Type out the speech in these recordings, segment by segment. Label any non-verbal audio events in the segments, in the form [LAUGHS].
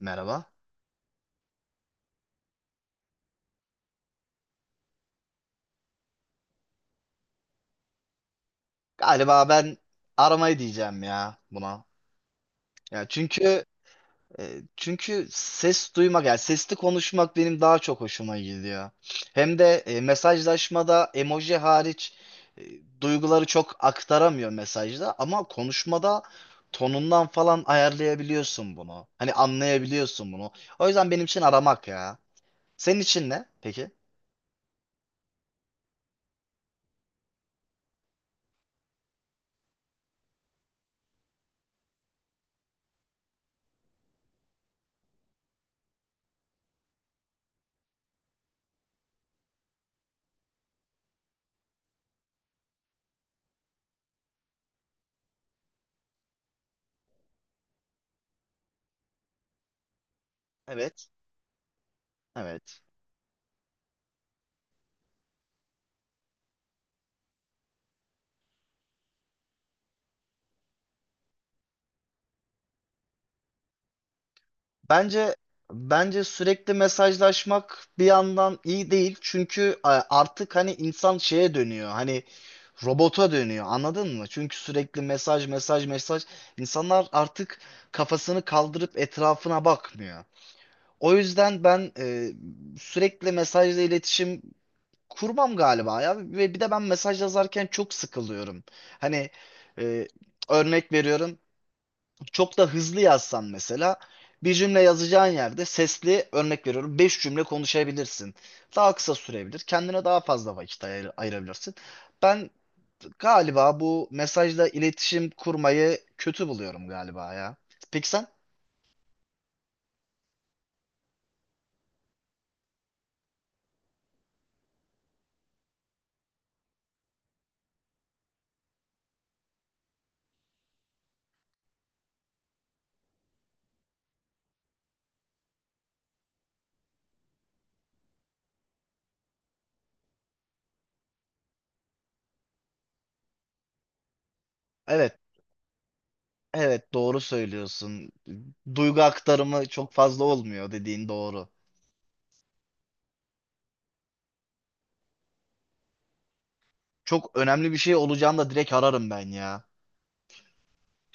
Merhaba. Galiba ben aramayı diyeceğim ya buna. Ya çünkü ses duymak yani sesli konuşmak benim daha çok hoşuma gidiyor. Hem de mesajlaşmada emoji hariç e, duyguları çok aktaramıyor mesajda ama konuşmada tonundan falan ayarlayabiliyorsun bunu. Hani anlayabiliyorsun bunu. O yüzden benim için aramak ya. Senin için ne peki? Evet. Evet. Bence bence sürekli mesajlaşmak bir yandan iyi değil. Çünkü artık hani insan şeye dönüyor. Hani robota dönüyor. Anladın mı? Çünkü sürekli mesaj mesaj mesaj insanlar artık kafasını kaldırıp etrafına bakmıyor. O yüzden ben sürekli mesajla iletişim kurmam galiba ya ve bir de ben mesaj yazarken çok sıkılıyorum. Hani e, örnek veriyorum çok da hızlı yazsan mesela bir cümle yazacağın yerde sesli örnek veriyorum 5 cümle konuşabilirsin. Daha kısa sürebilir. Kendine daha fazla vakit ayırabilirsin. Ben galiba bu mesajla iletişim kurmayı kötü buluyorum galiba ya. Peki sen? Evet, evet doğru söylüyorsun. Duygu aktarımı çok fazla olmuyor dediğin doğru. Çok önemli bir şey olacağını da direkt ararım ben ya.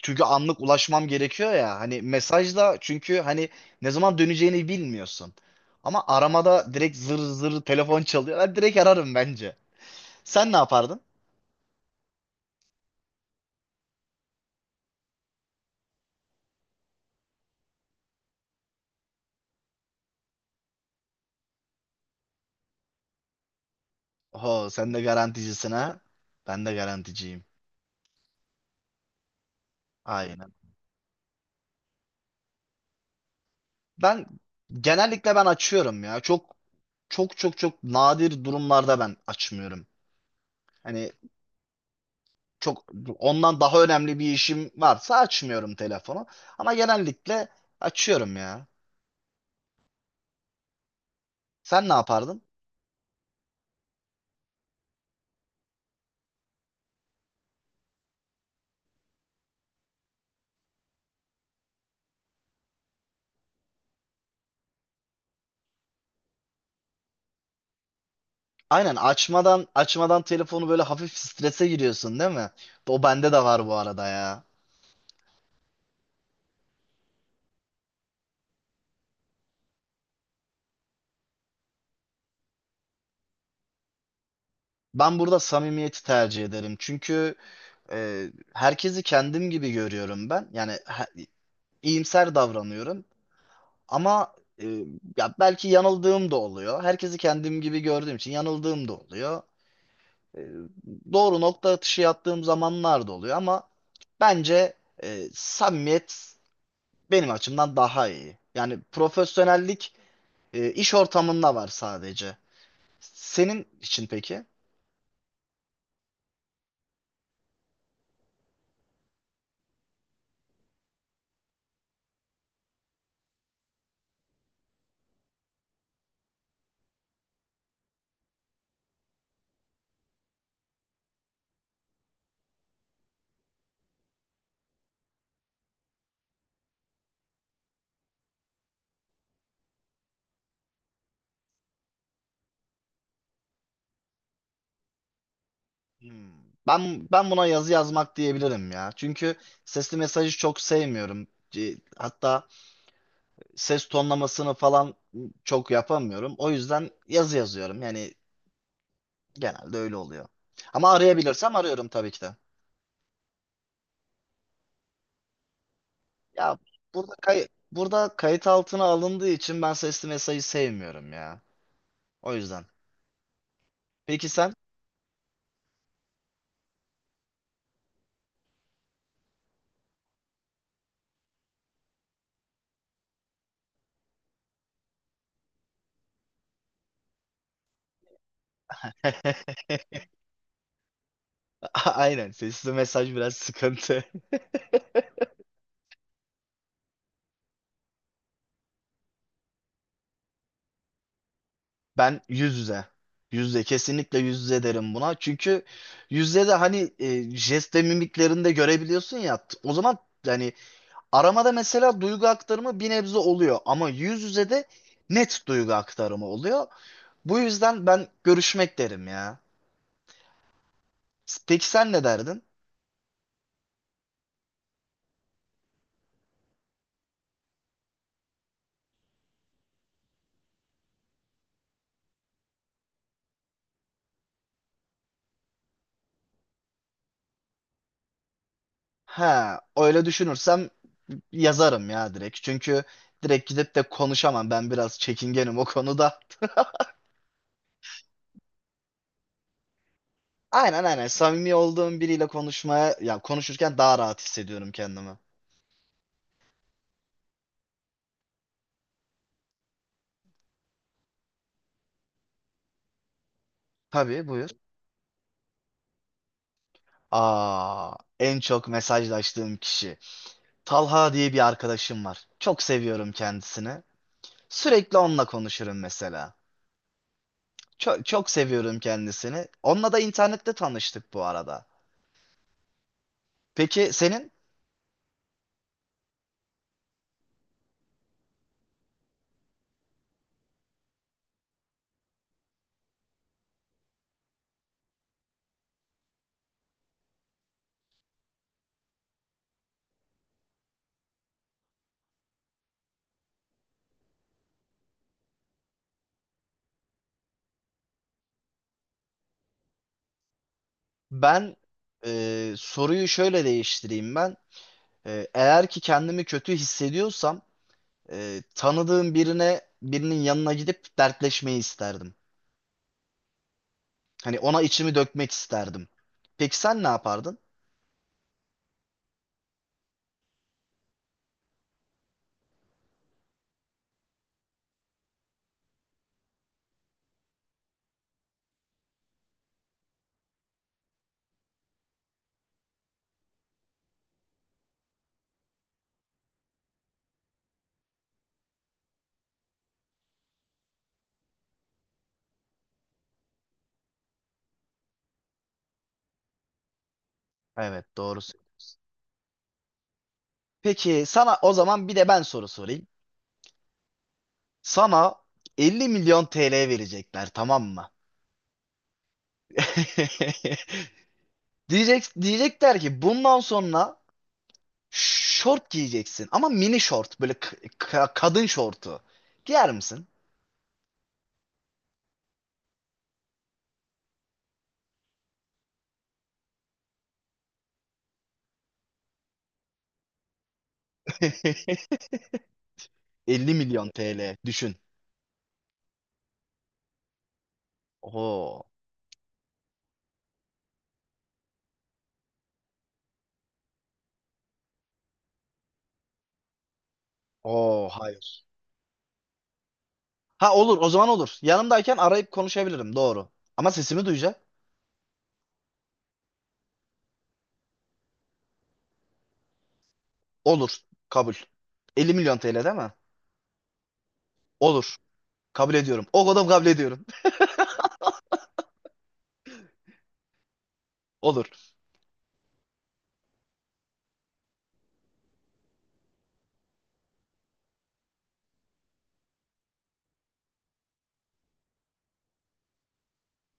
Çünkü anlık ulaşmam gerekiyor ya. Hani mesajla çünkü hani ne zaman döneceğini bilmiyorsun. Ama aramada direkt zır zır telefon çalıyor. Ben direkt ararım bence. Sen ne yapardın? Oho sen de garanticisin ha. Ben de garanticiyim. Aynen. Ben genellikle açıyorum ya. Çok çok çok çok nadir durumlarda ben açmıyorum. Hani çok ondan daha önemli bir işim varsa açmıyorum telefonu. Ama genellikle açıyorum ya. Sen ne yapardın? Aynen açmadan açmadan telefonu böyle hafif strese giriyorsun değil mi? O bende de var bu arada ya. Ben burada samimiyeti tercih ederim. Çünkü e, herkesi kendim gibi görüyorum ben. Yani iyimser davranıyorum. Ama e, ya belki yanıldığım da oluyor. Herkesi kendim gibi gördüğüm için yanıldığım da oluyor. E, doğru nokta atışı yaptığım zamanlar da oluyor ama bence samimiyet benim açımdan daha iyi. Yani profesyonellik iş ortamında var sadece. Senin için peki? Hmm. Ben buna yazı yazmak diyebilirim ya. Çünkü sesli mesajı çok sevmiyorum. Hatta ses tonlamasını falan çok yapamıyorum. O yüzden yazı yazıyorum. Yani genelde öyle oluyor. Ama arayabilirsem arıyorum tabii ki de. Ya burada kayıt altına alındığı için ben sesli mesajı sevmiyorum ya. O yüzden. Peki sen? [LAUGHS] Aynen sesli mesaj biraz sıkıntı. Ben yüz yüze. Yüz yüze. Kesinlikle yüz yüze derim buna. Çünkü yüz yüze de hani jest ve mimiklerini de görebiliyorsun ya. O zaman yani aramada mesela duygu aktarımı bir nebze oluyor. Ama yüz yüze de net duygu aktarımı oluyor. Bu yüzden ben görüşmek derim ya. Peki sen ne derdin? Ha, öyle düşünürsem yazarım ya direkt. Çünkü direkt gidip de konuşamam. Ben biraz çekingenim o konuda. Aynen aynen. Samimi olduğum biriyle konuşmaya, ya konuşurken daha rahat hissediyorum kendimi. Tabii buyur. Aa, en çok mesajlaştığım kişi. Talha diye bir arkadaşım var. Çok seviyorum kendisini. Sürekli onunla konuşurum mesela. Çok, çok seviyorum kendisini. Onunla da internette tanıştık bu arada. Peki senin? Ben soruyu şöyle değiştireyim ben. Eğer ki kendimi kötü hissediyorsam tanıdığım birine birinin yanına gidip dertleşmeyi isterdim. Hani ona içimi dökmek isterdim. Peki sen ne yapardın? Evet, doğrusu. Peki sana o zaman bir de ben soru sorayım. Sana 50 milyon TL verecekler, tamam mı? [LAUGHS] Diyecekler ki bundan sonra şort giyeceksin ama mini şort böyle kadın şortu. Giyer misin? [LAUGHS] 50 milyon TL düşün. Oo. Oo hayır. Ha olur o zaman olur. Yanımdayken arayıp konuşabilirim doğru. Ama sesimi duyacak. Olur. Kabul. 50 milyon TL değil mi? Olur. Kabul ediyorum. O kadar kabul ediyorum. [LAUGHS] Olur.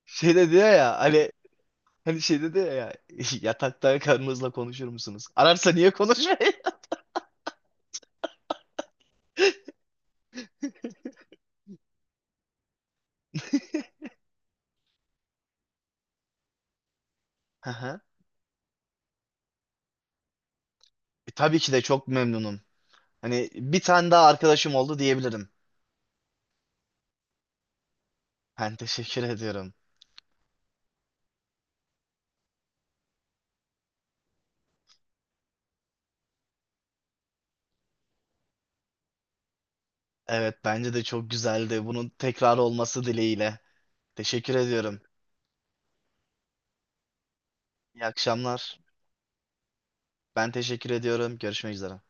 Şey dedi ya hani şey dedi ya [LAUGHS] yatakta karınızla konuşur musunuz? Ararsa niye konuşmayın? [LAUGHS] Hı hı. E, tabii ki de çok memnunum. Hani bir tane daha arkadaşım oldu diyebilirim. Ben [LAUGHS] teşekkür ediyorum. Evet bence de çok güzeldi. Bunun tekrar olması dileğiyle. Teşekkür ediyorum. İyi akşamlar. Ben teşekkür ediyorum. Görüşmek üzere.